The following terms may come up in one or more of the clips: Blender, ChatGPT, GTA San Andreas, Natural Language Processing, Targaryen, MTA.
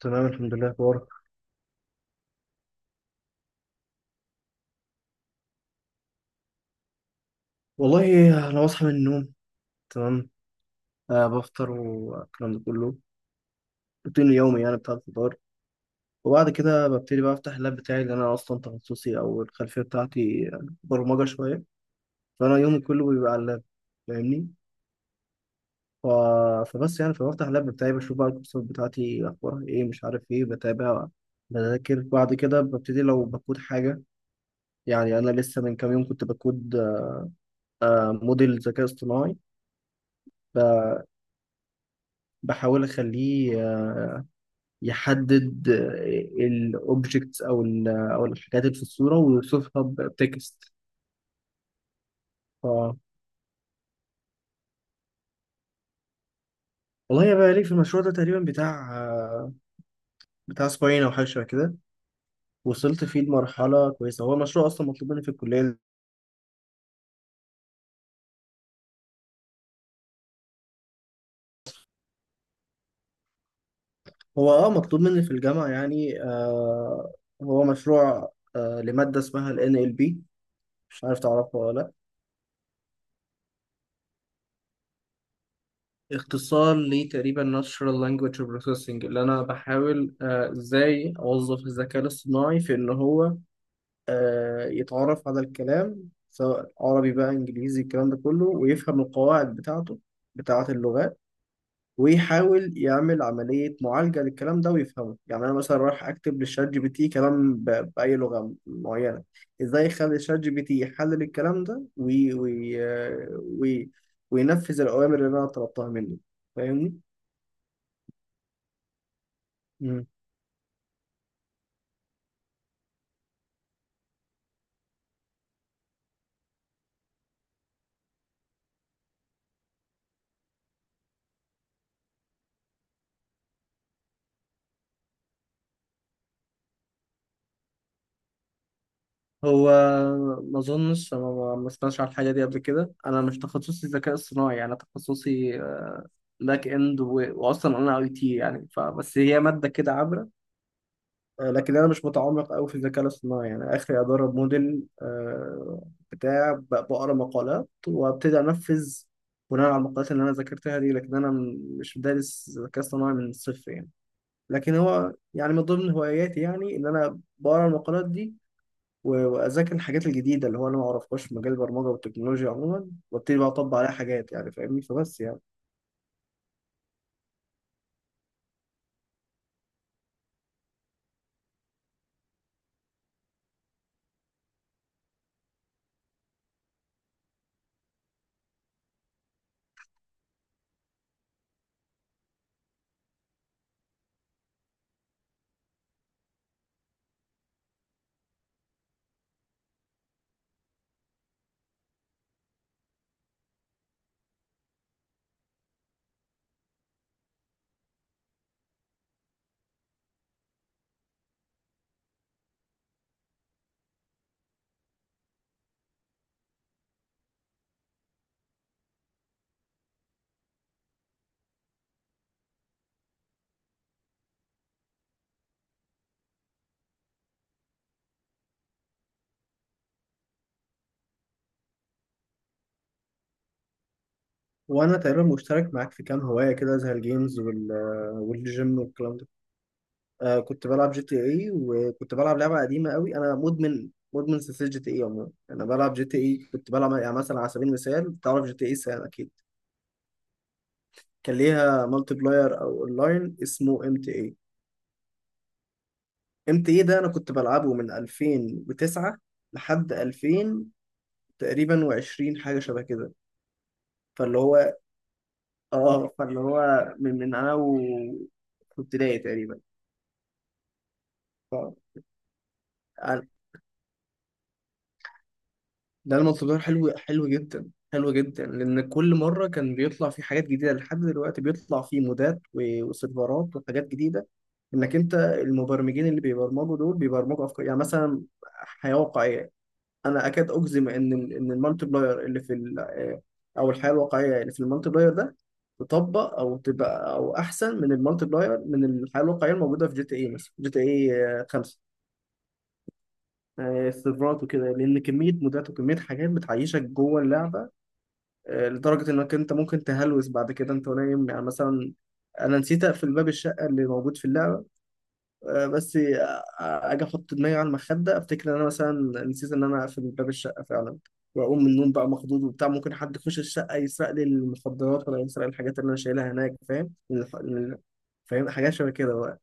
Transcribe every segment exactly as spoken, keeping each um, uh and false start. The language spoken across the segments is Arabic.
تمام، الحمد لله. اخبارك؟ والله انا بصحى من النوم. تمام. آه بفطر والكلام ده كله. روتين يومي يعني، بتاع الفطار. وبعد كده ببتدي بقى افتح اللاب بتاعي، لان انا اصلا تخصصي او الخلفيه بتاعتي برمجه شويه، فانا يومي كله بيبقى على اللاب. فاهمني؟ ف... فبس يعني فبفتح اللاب بتاعي، بشوف بقى الكورسات بتاعتي اخبارها ايه، مش عارف ايه، بتابع. بذاكر. بعد كده ببتدي لو بكود حاجه. يعني انا لسه من كام يوم كنت بكود آه، موديل ذكاء اصطناعي. بحاول اخليه آه، يحدد الاوبجكتس او ال او الحاجات اللي في الصوره، ويوصفها ب- بتكست. ف والله، يا بقى لي في المشروع ده تقريبا بتاع بتاع اسبوعين او حاجه شبه كده. وصلت فيه لمرحله كويسه. هو مشروع اصلا مطلوب مني في الكليه. هو اه مطلوب مني في الجامعه، يعني آه هو مشروع آه لماده اسمها ال N L P. مش عارف تعرفها ولا لا؟ اختصار لتقريبا Natural Language Processing، اللي انا بحاول آه، ازاي اوظف الذكاء الاصطناعي في ان هو آه، يتعرف على الكلام، سواء عربي بقى انجليزي الكلام ده كله، ويفهم القواعد بتاعته، بتاعة اللغات. ويحاول يعمل عملية معالجة للكلام ده ويفهمه. يعني أنا مثلا رايح أكتب للشات جي بي تي كلام ب- بأي لغة معينة، إزاي يخلي الشات جي بي تي يحلل الكلام ده وي... وي... آه، وي... وينفذ الأوامر اللي أنا طلبتها منه. فاهمني؟ مم. هو ما اظنش، انا ما ما سمعتش على الحاجه دي قبل كده. انا مش تخصصي ذكاء اصطناعي، انا تخصصي باك اند، و- واصلا انا اي تي. يعني فبس هي ماده كده عابره. آه، لكن انا مش متعمق قوي في الذكاء الاصطناعي، يعني اخري ادرب موديل آه، بتاع، ب- بقرا مقالات وابتدي انفذ بناء على المقالات اللي انا ذاكرتها دي. لكن انا م- مش دارس ذكاء اصطناعي من الصفر يعني. لكن هو يعني من ضمن هواياتي، يعني ان انا بقرا المقالات دي، و- واذاكر الحاجات الجديده اللي هو انا ما اعرفهاش في مجال البرمجه والتكنولوجيا عموما، وابتدي بقى اطبق عليها حاجات يعني. فاهمني؟ فبس يعني. وانا تقريبا مشترك معاك في كام هوايه كده، زي الجيمز وال والجيم والكلام ده. آه كنت بلعب جي تي اي، وكنت بلعب لعبه قديمه قوي. انا مدمن مدمن سلسله جي تي اي عموما. انا بلعب جي تي اي، كنت بلعب يعني مثلا، على سبيل المثال. تعرف جي تي اي سان اكيد؟ كان ليها مالتي بلاير او اونلاين اسمه ام تي اي. ام تي اي ده انا كنت بلعبه من ألفين وتسعه لحد ألفين تقريبا وعشرين حاجه شبه كده. فاللي هو اه فاللي هو من من انا و في ابتدائي تقريبا. ف- ده المطلب، ده حلو حلو جدا، حلو جدا، لان كل مره كان بيطلع فيه حاجات جديده، لحد دلوقتي بيطلع فيه مودات و- وسيرفرات وحاجات جديده. انك انت المبرمجين اللي بيبرمجوا دول بيبرمجوا افكار، يعني مثلا حياه واقعيه. انا اكاد اجزم ان ال- ان المالتي بلاير اللي في ال- آه، او الحياه الواقعيه اللي في المالتي بلاير ده، تطبق او تبقى او احسن من المالتي بلاير من الحياه الواقعيه الموجوده في جي تي اي، مثلا جي تي اي خمسه. آه، السيرفرات وكده، لان كميه مودات وكميه حاجات بتعيشك جوه اللعبه. آه، لدرجة إنك أنت ممكن تهلوس بعد كده أنت نايم، يعني مثلا أنا نسيت أقفل باب الشقة اللي موجود في اللعبة. آه، بس آه، أجي أحط دماغي على المخدة، أفتكر إن أنا مثلا نسيت إن أنا أقفل باب الشقة فعلا، وأقوم من النوم بقى مخضوض وبتاع، ممكن حد يخش الشقة يسرق لي المخدرات ولا يسرق الحاجات اللي أنا شايلها هناك. فاهم من الح- من- فاهم حاجات شبه كده بقى.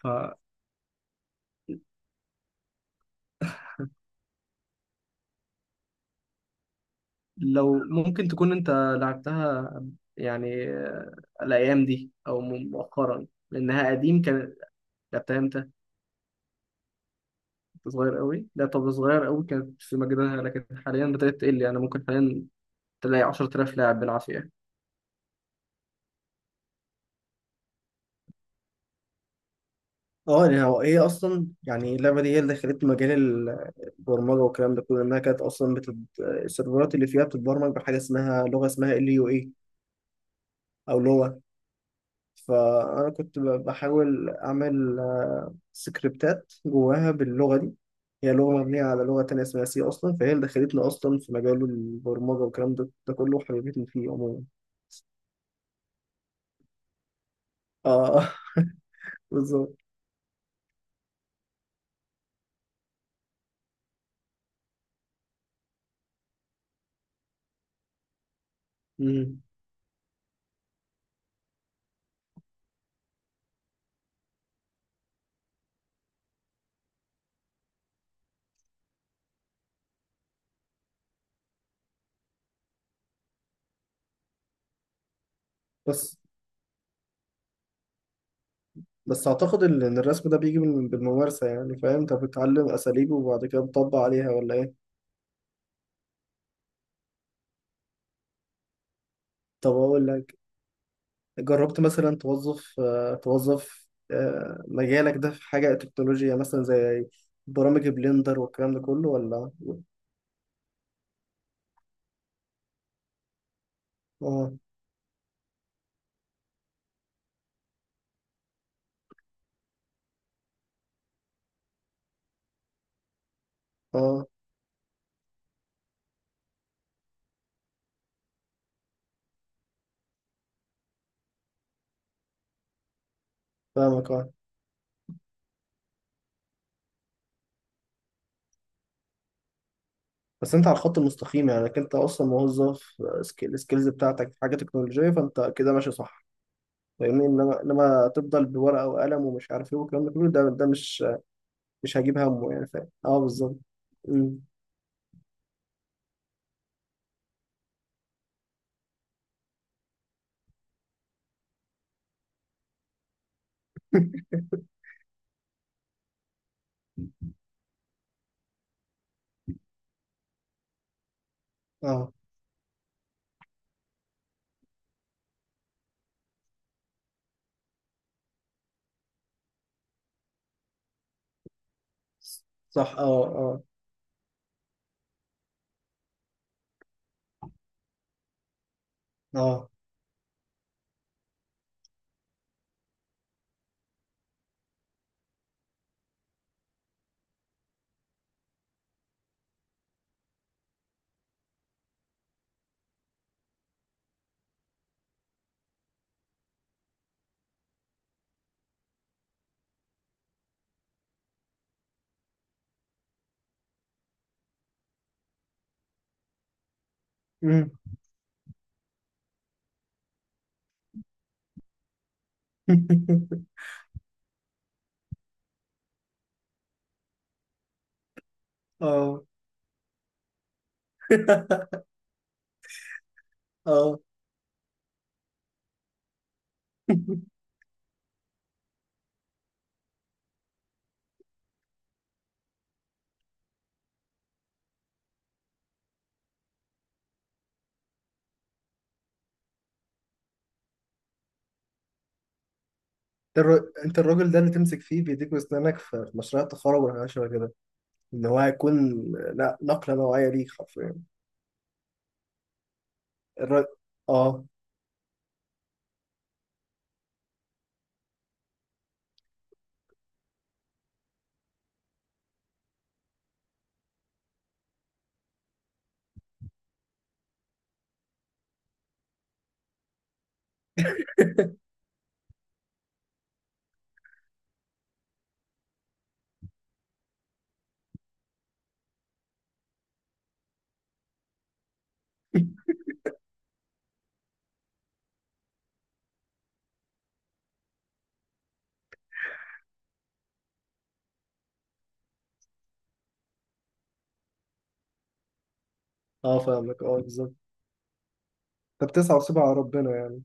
فلو ممكن تكون أنت لعبتها، يعني آه، الأيام دي أو مؤخرا، لأنها قديم كانت. لعبتها امتى؟ كنت صغير قوي. لا، طب صغير قوي كانت في مجدها، لكن حاليا بدأت تقل يعني. ممكن حاليا تلاقي عشرة آلاف لاعب بالعافية. اه. يعني هو ايه اصلا؟ يعني اللعبه دي هي اللي خلت مجال ال- البرمجه والكلام ده كله. انها كانت اصلا بتت... السيرفرات اللي فيها بتتبرمج بحاجه اسمها لغه، اسمها ال يو اي او لغه. فانا كنت ب- بحاول اعمل آه، سكريبتات جواها باللغه دي. هي لغه مبنيه على لغه تانية اسمها سي اصلا، فهي اللي دخلتنا اصلا في مجال البرمجه والكلام ده, ده كله، وحبيبتني فيه عموما. اه. بالظبط. مم. بس بس اعتقد ان إن الرسم ده بيجي بال- بالممارسه يعني. فاهم؟ انت بتتعلم اساليب وبعد كده بتطبق عليها، ولا ايه؟ طب اقول لك، جربت مثلا توظف آه توظف آه مجالك ده في حاجه تكنولوجيا، مثلا زي برامج بلندر والكلام ده كله، ولا؟ اه. اه فاهمك اه. بس انت على الخط المستقيم، يعني انت اصلا موظف آه، سكي- السكيلز بتاعتك في حاجه تكنولوجيه، فانت كده ماشي صح؟ فاهمني، انما انما تفضل بورقه وقلم ومش عارف ايه والكلام ده كله، ده ده مش مش هجيب همه يعني. فاهم؟ اه بالظبط. أمم. اه. صح، اه. اه. اه. أمم. اه. اه، انت الر- انت الراجل ده اللي تمسك فيه بايديك واسنانك في في مشروع التخرج والحاجات شبه كده. ان هو هيكون، لا، نقله نوعيه ليك حرفيا. الر... اه. اه فاهمك اه بالظبط. طب تسعى وسيبها على ربنا يعني.